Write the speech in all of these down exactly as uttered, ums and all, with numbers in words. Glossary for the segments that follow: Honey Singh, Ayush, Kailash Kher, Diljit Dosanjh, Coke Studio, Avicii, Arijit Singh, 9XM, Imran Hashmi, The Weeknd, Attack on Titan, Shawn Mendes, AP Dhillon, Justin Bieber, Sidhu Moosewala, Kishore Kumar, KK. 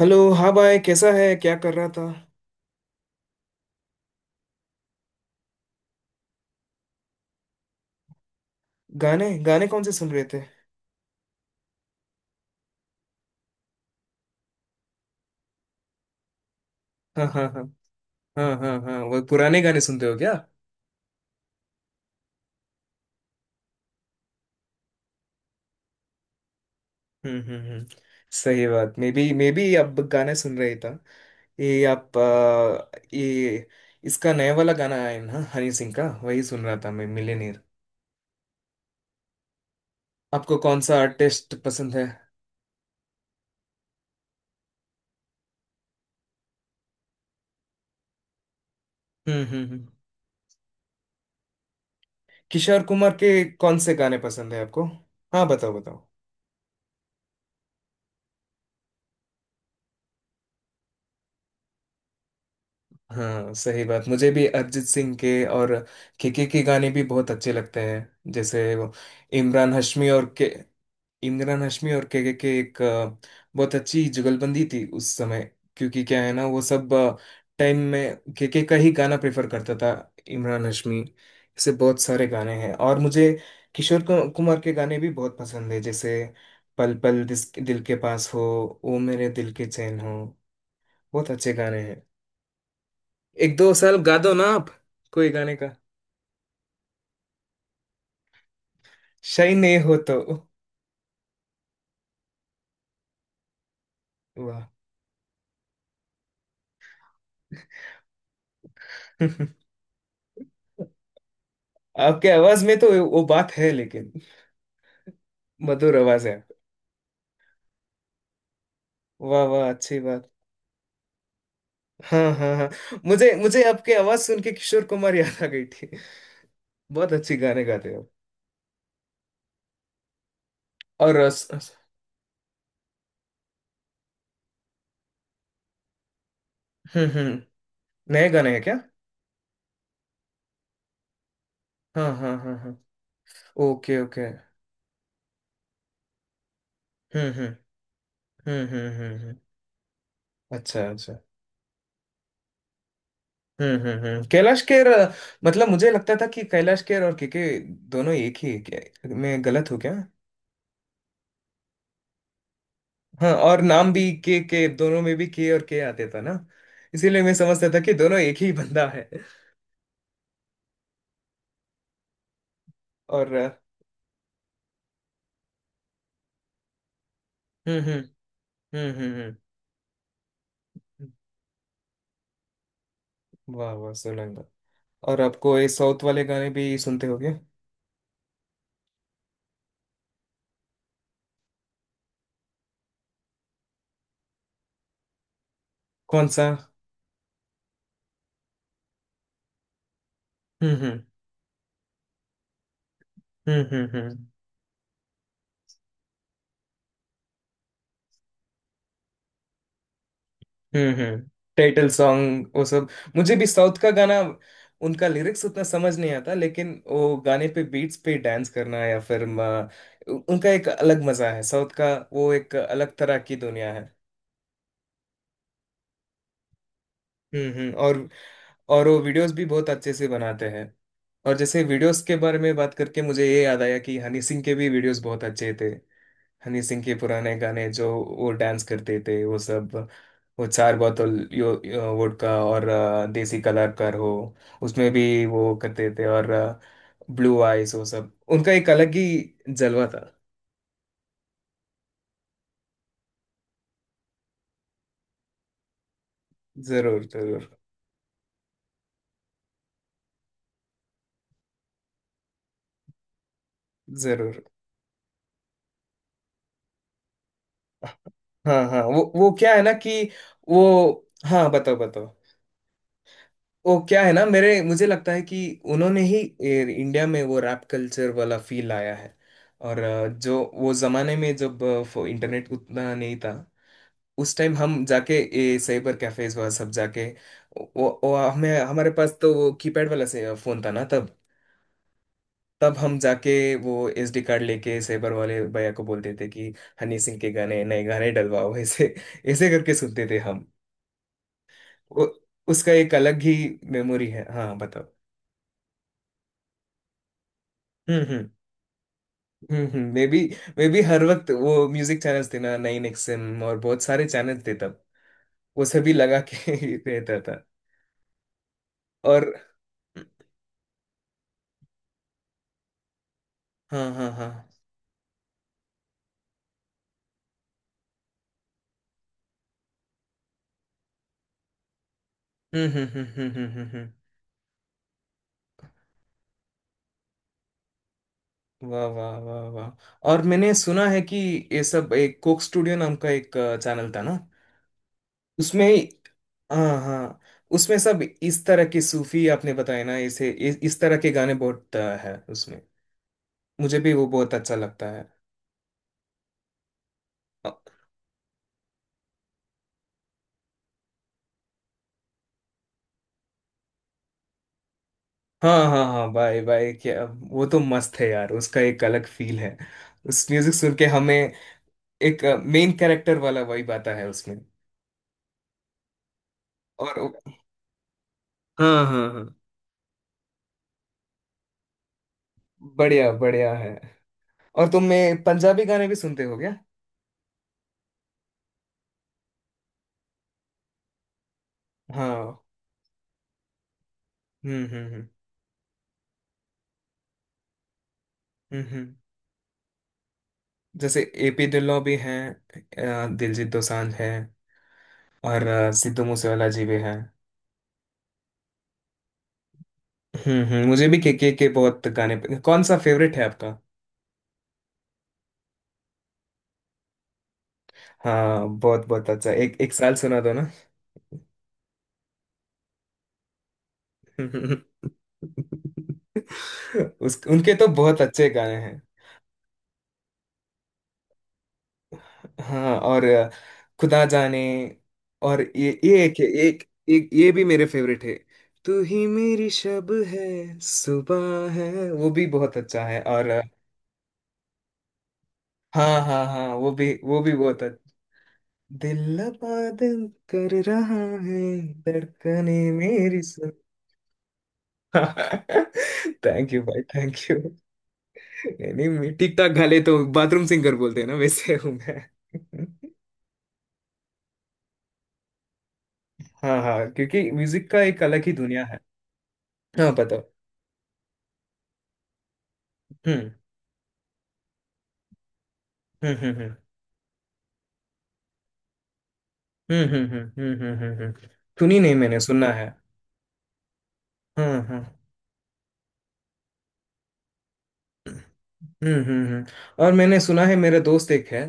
Hello. हाँ भाई, कैसा है? क्या कर रहा था? गाने गाने कौन से सुन रहे थे? हाँ हाँ हाँ। हाँ हाँ हाँ, वो पुराने गाने सुनते हो क्या? हम्म हम्म हम्म। सही बात। मे बी मे बी अब गाने सुन रहे था। ये आप आ, ये इसका नया वाला गाना आया है ना, हनी सिंह का। वही सुन रहा था मैं, मिलेनियर। आपको कौन सा आर्टिस्ट पसंद है? हम्म हम्म हम्म। किशोर कुमार के कौन से गाने पसंद है आपको? हाँ बताओ बताओ। हाँ सही बात, मुझे भी अरिजीत सिंह के। और केके के गाने भी बहुत अच्छे लगते हैं, जैसे वो इमरान हाशमी और के, इमरान हाशमी और केके के एक अ, बहुत अच्छी जुगलबंदी थी उस समय। क्योंकि क्या है ना, वो सब टाइम में केके का ही गाना प्रेफर करता था इमरान हाशमी। ऐसे बहुत सारे गाने हैं। और मुझे किशोर कु- कुमार के गाने भी बहुत पसंद है, जैसे पल पल दिस- दिल के पास हो, ओ मेरे दिल के चैन हो। बहुत अच्छे गाने। एक दो साल गा दो ना आप, कोई गाने का। शाही नहीं हो तो? वाह। आपके आवाज में तो वो बात है, लेकिन मधुर आवाज है। वाह वाह, अच्छी बात। हाँ हाँ हाँ। मुझे मुझे आपकी आवाज सुन के किशोर कुमार याद आ गई थी। बहुत अच्छी गाने गाते हो। और अस- अस- हम्म हम्म। नए गाने हैं क्या? हाँ हाँ हाँ हाँ। Okay okay. हम्म हम्म हम्म हम्म हम्म हम्म। अच्छा अच्छा। हम्म हम्म हम्म, कैलाश खेर। अ, मतलब मुझे लगता था कि कैलाश खेर और के के दोनों एक ही है क्या? मैं गलत हूँ क्या? हाँ, और नाम भी के के दोनों में भी के और के आते था ना, इसीलिए मैं समझता था कि दोनों एक ही बंदा है। और अ, हम्म हम्म हम्म हम्म हम्म। वाह वाह सोलंगा। और आपको ये साउथ वाले गाने भी सुनते हो क्या? कौन सा? हम्म हम्म हम्म हम्म हम्म हम्म हम्म। टाइटल सॉन्ग वो सब। मुझे भी साउथ का गाना, उनका लिरिक्स उतना समझ नहीं आता, लेकिन वो गाने पे, बीट्स पे डांस करना, या फिर म- उनका एक अलग मजा है। साउथ का वो एक अलग तरह की दुनिया है। हम्म हम्म। और और वो वीडियोस भी बहुत अच्छे से बनाते हैं। और जैसे वीडियोस के बारे में बात करके मुझे ये याद आया कि हनी सिंह के भी वीडियोस बहुत अच्छे थे। हनी सिंह के पुराने गाने, जो वो डांस करते थे वो सब। वो चार बोतल यो, यो वोडका और अ, देसी कलाकार हो, उसमें भी वो करते थे। और ब्लू आइज, वो सब, उनका एक अलग ही जलवा था। जरूर जरूर जरूर। हाँ हाँ, वो वो क्या है ना कि वो, हाँ बताओ बताओ। वो क्या है ना, मेरे मुझे लगता है कि उन्होंने ही ए, इंडिया में वो रैप कल्चर वाला फील लाया है। और अ, जो वो जमाने में, जब अ, फो- इंटरनेट उतना नहीं था उस टाइम, हम जाके ये साइबर कैफेज वह सब जाके, वो, वो हमें, हमारे पास तो वो कीपैड वाला से फोन था ना तब, तब हम जाके वो एसडी कार्ड लेके साइबर वाले भैया को बोलते थे कि हनी सिंह के गाने, नए गाने डलवाओ। ऐसे ऐसे करके सुनते थे हम। वो, उसका एक अलग ही मेमोरी है। हाँ बताओ। हम्म हम्म हम्म, मे बी मे बी हर वक्त वो म्यूजिक चैनल्स थे ना, नाइन एक्सएम और बहुत सारे चैनल थे तब, वो सभी लगा के रहता था। और हाँ हाँ हाँ। हम्म हम्म हम्म हम्म हम्म हम्म, हम्म। वाह वाह वाह वाह। और मैंने सुना है कि ये सब एक कोक स्टूडियो नाम का एक चैनल था ना उसमें। हाँ हाँ। उसमें सब इस तरह के सूफी, आपने बताया ना इसे, इस, इस तरह के गाने बहुत अ, है उसमें। मुझे भी वो बहुत अच्छा लगता है। हाँ हाँ हाँ, भाई भाई क्या, वो तो मस्त है यार, उसका एक अलग फील है। उस म्यूजिक सुन के हमें एक मेन कैरेक्टर वाला वाइब आता है उसमें। और हाँ हाँ हाँ। बढ़िया बढ़िया है। और तुम में पंजाबी गाने भी सुनते हो क्या? हाँ। हम्म हम्म हम्म। हम्म हम्म। जैसे एपी ढिल्लों भी हैं, अ, दिलजीत दोसांझ हैं, और अ, सिद्धू मूसेवाला जी भी हैं। हम्म हम्म, मुझे भी के के के बहुत गाने। कौन सा फेवरेट है आपका? हाँ बहुत बहुत अच्छा, एक एक साल सुना दो ना। उस उनके तो बहुत अच्छे गाने हैं। हाँ, और अ, खुदा जाने, और ये ये एक एक, एक ये भी मेरे फेवरेट है। तू ही मेरी शब है, सुबह है, वो भी बहुत अच्छा है। और अ, हाँ हाँ हाँ, वो भी वो भी बहुत अच्छा, दिल पागल कर रहा है, धड़कने मेरी सुन। थैंक यू भाई, थैंक यू। नहीं नहीं, मैं ठीक ठाक गा लेता हूँ, बाथरूम सिंगर बोलते हैं ना, वैसे हूँ मैं। हाँ हाँ, क्योंकि म्यूजिक का एक अलग ही दुनिया है। हाँ बताओ। हम्म हम्म हम्म हम्म हम्म हम्म हम्म हम्म हम्म, हम्म। हम्म, सुनी नहीं, मैंने सुना है। हाँ हाँ। हम्म हम्म हम्म। और मैंने सुना है, मेरे दोस्त एक है,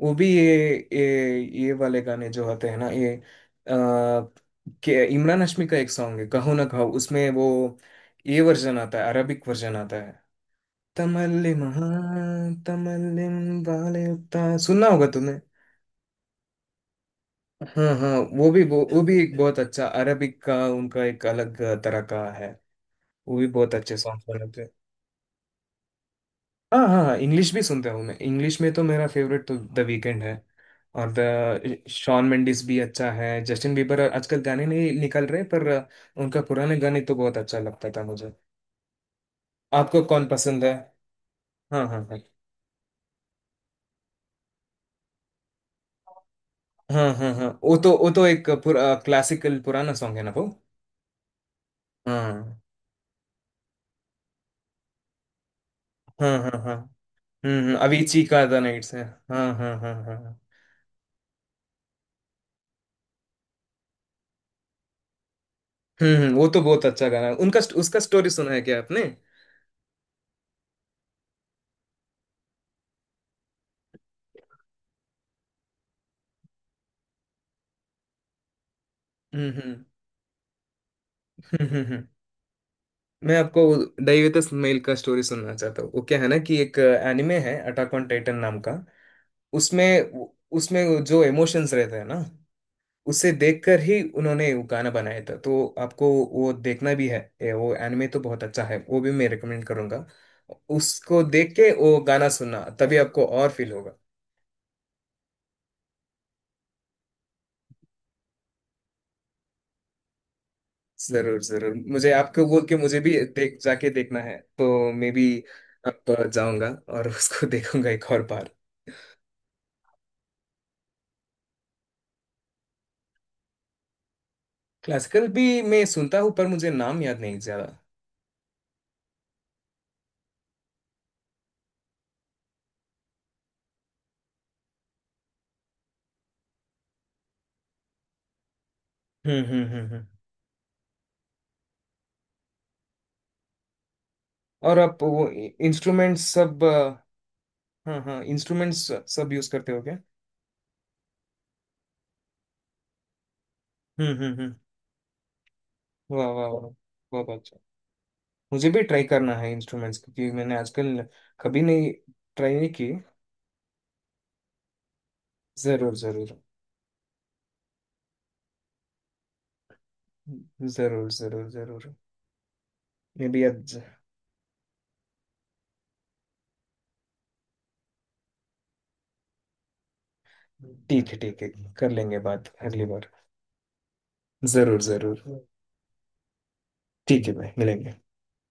वो भी ये ये ये वाले गाने जो होते हैं ना, ये आ, के इमरान हाशमी का एक सॉन्ग है, कहो ना कहो, उसमें वो ये वर्जन आता है, अरबिक वर्जन आता है। तमल्लिम, हाँ तमल्लिम वाले, उता सुनना होगा तुमने। हाँ हाँ, वो भी वो, वो भी एक बहुत अच्छा अरबिक का, उनका एक अलग तरह का है। वो भी बहुत अच्छे सॉन्ग्स बनाते हैं। हाँ हाँ हाँ, इंग्लिश भी सुनता हूँ मैं। इंग्लिश में तो मेरा फेवरेट तो द वीकेंड है, और द शॉन मेंडिस भी अच्छा है। जस्टिन बीबर आजकल गाने नहीं निकल रहे, पर उनका पुराने गाने तो बहुत अच्छा लगता था मुझे। आपको कौन पसंद है? हाँ हाँ हाँ। हाँ हाँ हाँ, वो तो वो तो एक पूरा क्लासिकल पुराना सॉन्ग है ना वो। हाँ हाँ हाँ हाँ। हम्म, अविची का द नाइट्स है। हाँ हाँ हाँ हाँ हाँ। हम्म हम्म, वो तो बहुत अच्छा गाना है। उनका उसका स्टोरी सुना है क्या आपने? हम्म हम्म हम्म हम्म, हम्म। मैं आपको दैवेतस मेल का स्टोरी सुनना चाहता हूँ। वो क्या है ना कि एक एनिमे है अटाक ऑन टाइटन नाम का, उसमें, उसमें जो इमोशंस रहते हैं ना, उसे देखकर ही उन्होंने वो गाना बनाया था। तो आपको वो देखना भी है ये, वो एनिमे तो बहुत अच्छा है, वो भी मैं रिकमेंड करूंगा। उसको देख के वो गाना सुनना, तभी आपको और फील होगा। जरूर जरूर, मुझे आपको बोल के, मुझे भी देख, जाके देखना है, तो मे बी अब जाऊंगा और उसको देखूंगा एक और बार। क्लासिकल भी मैं सुनता हूँ, पर मुझे नाम याद नहीं ज्यादा। हम्म हम्म हम्म हम्म। और आप वो इंस्ट्रूमेंट्स सब अ, हाँ हाँ, इंस्ट्रूमेंट्स सब यूज करते हो क्या? हम्म हम्म हम्म। वाह वाह वाह, बहुत अच्छा। मुझे भी ट्राई करना है इंस्ट्रूमेंट्स, क्योंकि मैंने आजकल कभी नहीं ट्राई नहीं की। जरूर जरूर जरूर जरूर जरूर। मे बी आज। ठीक है ठीक है, कर लेंगे बात अगली बार। जरूर जरूर। ठीक है भाई, मिलेंगे।